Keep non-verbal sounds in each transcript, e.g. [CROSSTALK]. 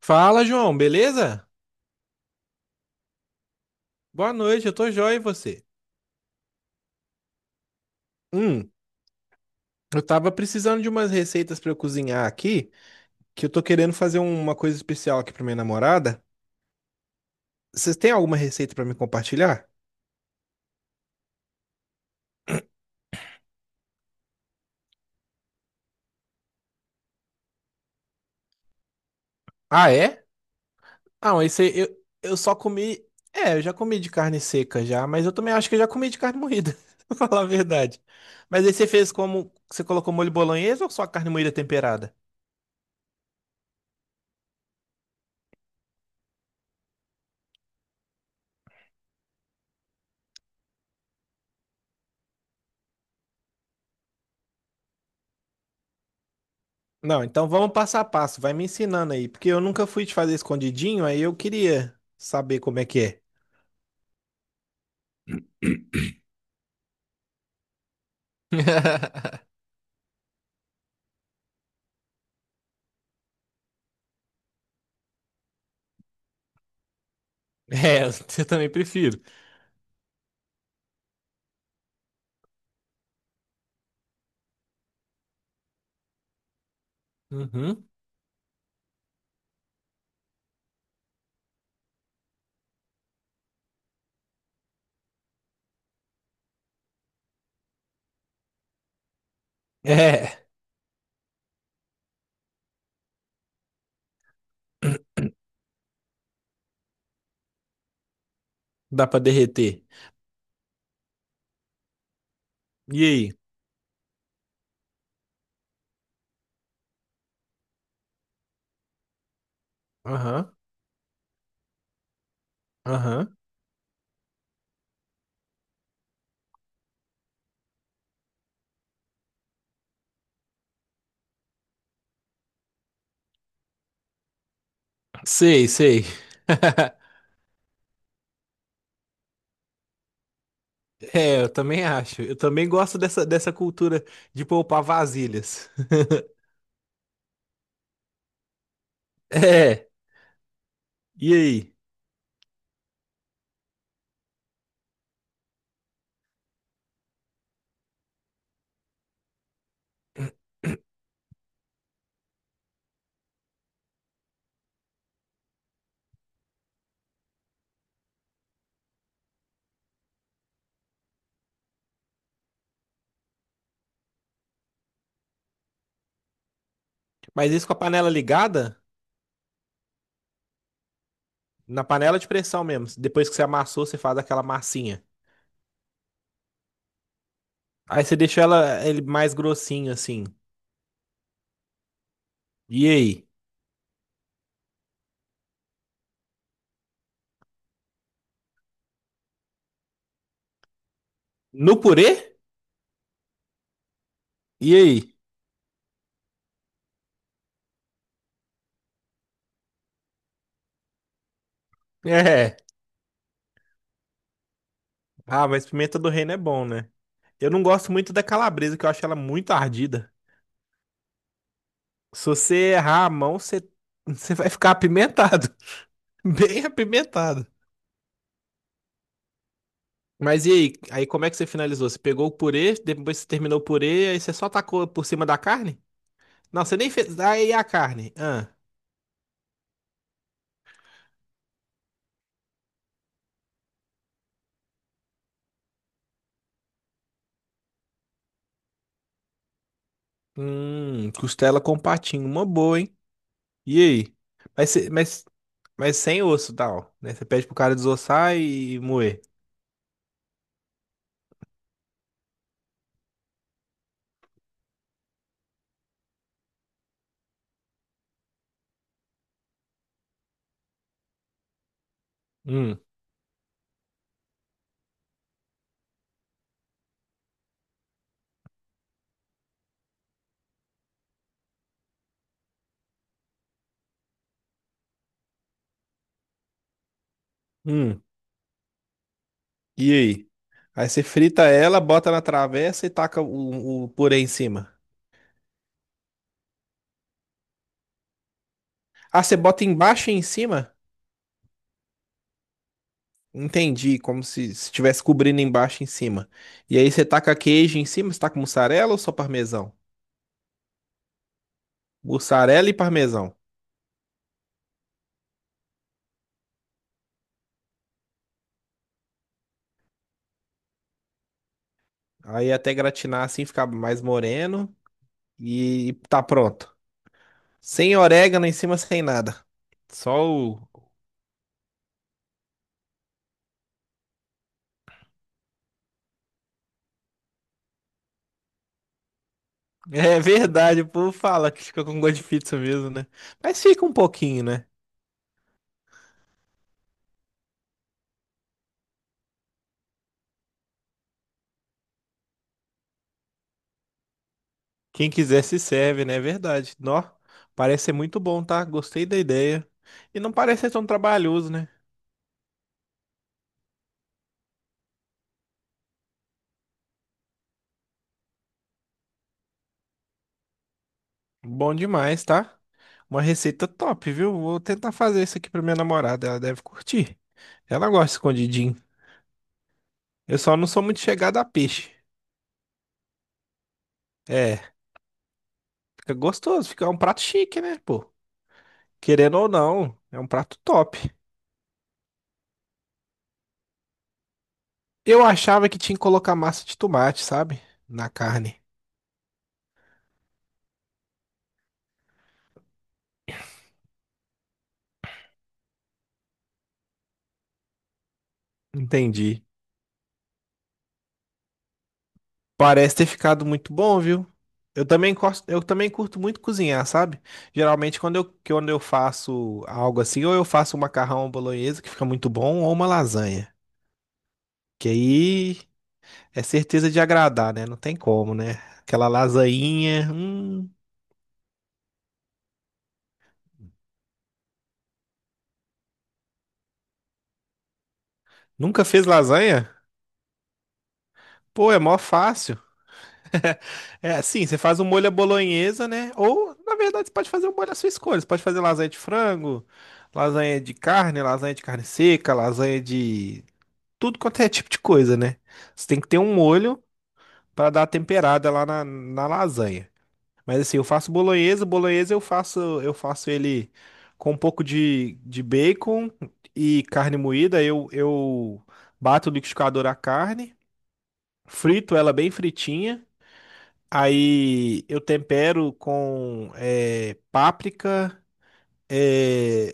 Fala, João, beleza? Boa noite, eu tô joia e você? Hum, eu tava precisando de umas receitas pra eu cozinhar aqui, que eu tô querendo fazer uma coisa especial aqui pra minha namorada. Vocês têm alguma receita pra me compartilhar? Ah, é? Ah, mas isso eu só comi. É, eu já comi de carne seca já, mas eu também acho que eu já comi de carne moída, [LAUGHS] pra falar a verdade. Mas aí você fez como? Você colocou molho bolonhesa ou só a carne moída temperada? Não, então vamos passo a passo, vai me ensinando aí, porque eu nunca fui te fazer escondidinho, aí eu queria saber como é que é. [LAUGHS] É, eu também prefiro. Uhum. É, dá pra derreter. E aí? Aham, aham. Sei, sei. [LAUGHS] É, eu também acho. Eu também gosto dessa cultura de poupar vasilhas. [LAUGHS] É, e aí? Mas isso com a panela ligada? Na panela de pressão mesmo. Depois que você amassou, você faz aquela massinha. Aí você deixa ela ele mais grossinho assim. E aí? No purê? E aí? É. Ah, mas pimenta do reino é bom, né? Eu não gosto muito da calabresa, que eu acho ela muito ardida. Se você errar a mão, você vai ficar apimentado. [LAUGHS] Bem apimentado. Mas e aí? Aí como é que você finalizou? Você pegou o purê, depois você terminou o purê, aí você só tacou por cima da carne? Não, você nem fez. Aí a carne. Ah. Costela com patinho. Uma boa, hein? E aí? Mas, você- mas Mas sem osso, tal, né? Você pede pro cara desossar e moer. Hum, hum. E aí? Aí você frita ela, bota na travessa e taca o purê em cima. Ah, você bota embaixo e em cima? Entendi, como se estivesse cobrindo embaixo e em cima. E aí você taca queijo em cima, você taca mussarela ou só parmesão? Mussarela e parmesão. Aí até gratinar assim, ficar mais moreno e tá pronto. Sem orégano em cima, sem nada. Só o. É verdade, o povo fala que fica com gosto de pizza mesmo, né? Mas fica um pouquinho, né? Quem quiser se serve, né? É verdade. Nó, parece ser muito bom, tá? Gostei da ideia. E não parece ser tão trabalhoso, né? Bom demais, tá? Uma receita top, viu? Vou tentar fazer isso aqui pra minha namorada, ela deve curtir. Ela gosta de escondidinho. Eu só não sou muito chegado a peixe. É, fica gostoso, fica um prato chique, né, pô? Querendo ou não, é um prato top. Eu achava que tinha que colocar massa de tomate, sabe? Na carne. Entendi. Parece ter ficado muito bom, viu? Eu também gosto, eu também curto muito cozinhar, sabe? Geralmente quando eu faço algo assim, ou eu faço um macarrão bolonhesa que fica muito bom, ou uma lasanha. Que aí é certeza de agradar, né? Não tem como, né? Aquela lasainha. Nunca fez lasanha? Pô, é mó fácil. [LAUGHS] É, sim, você faz um molho à bolonhesa, né? Ou, na verdade, você pode fazer um molho à sua escolha. Você pode fazer lasanha de frango, lasanha de carne seca, lasanha de tudo quanto é tipo de coisa, né? Você tem que ter um molho para dar a temperada lá na, na lasanha. Mas assim, eu faço bolonhesa, bolonhesa eu faço, ele com um pouco de bacon e carne moída. Eu bato no liquidificador a carne, frito ela bem fritinha. Aí eu tempero com páprica, eh,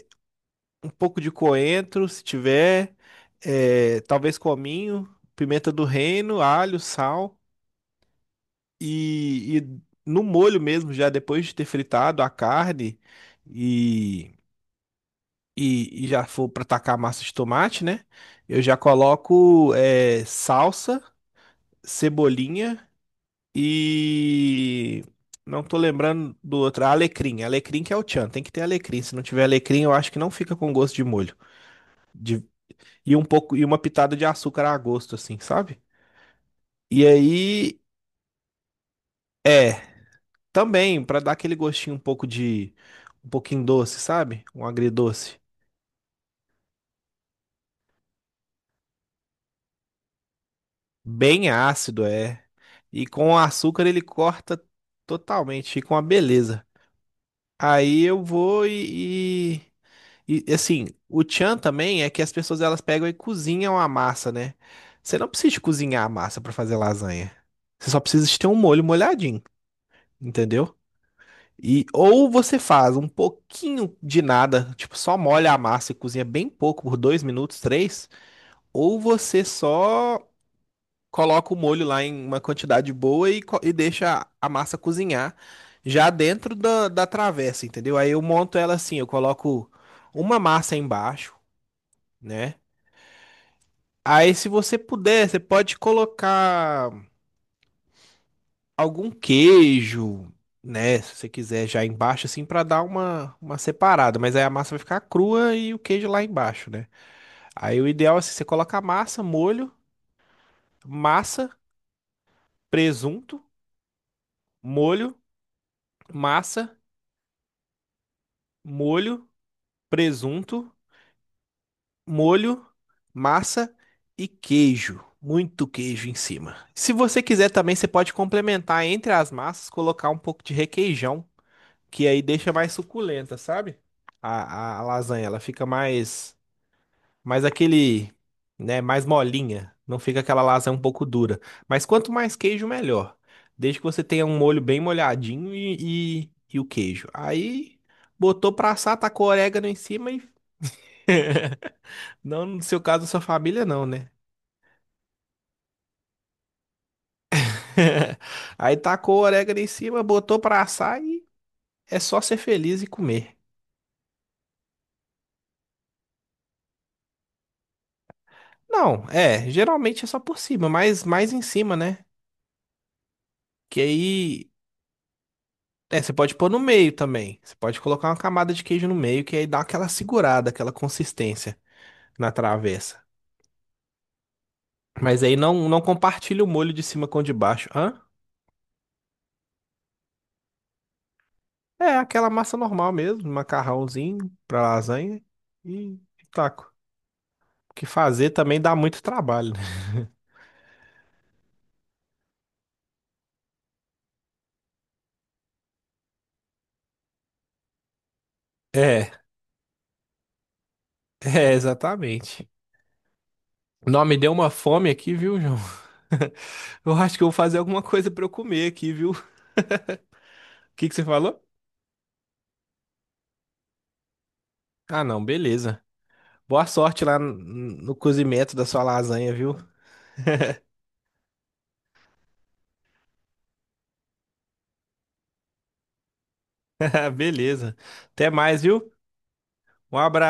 um pouco de coentro, se tiver, talvez cominho, pimenta do reino, alho, sal e no molho mesmo, já depois de ter fritado a carne e, e já for para tacar a massa de tomate, né? Eu já coloco salsa, cebolinha. E não tô lembrando do outro. Ah, alecrim. Alecrim que é o tchan. Tem que ter alecrim. Se não tiver alecrim, eu acho que não fica com gosto de molho. De- E um pouco e uma pitada de açúcar a gosto, assim, sabe? E aí é também pra dar aquele gostinho um pouco de um pouquinho doce, sabe? Um agridoce. Bem ácido é. E com o açúcar ele corta totalmente, fica uma beleza. Aí eu vou e. E assim, o tchan também é que as pessoas elas pegam e cozinham a massa, né? Você não precisa de cozinhar a massa pra fazer lasanha. Você só precisa de ter um molho molhadinho, entendeu? E ou você faz um pouquinho de nada, tipo só molha a massa e cozinha bem pouco, por dois minutos, três, ou você só coloca o molho lá em uma quantidade boa e deixa a massa cozinhar já dentro da travessa, entendeu? Aí eu monto ela assim, eu coloco uma massa embaixo, né? Aí, se você puder, você pode colocar algum queijo, né? Se você quiser já embaixo, assim, pra dar uma separada. Mas aí a massa vai ficar crua e o queijo lá embaixo, né? Aí o ideal é assim, você coloca a massa, molho, massa, presunto, molho, massa, molho, presunto, molho, massa e queijo. Muito queijo em cima. Se você quiser também, você pode complementar entre as massas, colocar um pouco de requeijão que aí deixa mais suculenta, sabe? A lasanha, ela fica mais, aquele, né, mais molinha. Não fica aquela lasanha um pouco dura. Mas quanto mais queijo, melhor. Desde que você tenha um molho bem molhadinho e o queijo. Aí, botou pra assar, tacou orégano em cima e... [LAUGHS] Não no seu caso, da sua família, não, né? [LAUGHS] Aí tacou o orégano em cima, botou pra assar e é só ser feliz e comer. Não, é, geralmente é só por cima, mas mais em cima, né? Que aí. É, você pode pôr no meio também. Você pode colocar uma camada de queijo no meio, que aí dá aquela segurada, aquela consistência na travessa. Mas aí não, não compartilha o molho de cima com o de baixo. Hã? É aquela massa normal mesmo, macarrãozinho pra lasanha e taco. Porque fazer também dá muito trabalho, né? [LAUGHS] É, é, exatamente. Não, me deu uma fome aqui, viu, João? [LAUGHS] Eu acho que eu vou fazer alguma coisa pra eu comer aqui, viu? O que que você falou? Ah, não, beleza. Boa sorte lá no cozimento da sua lasanha, viu? [LAUGHS] Beleza. Até mais, viu? Um abraço.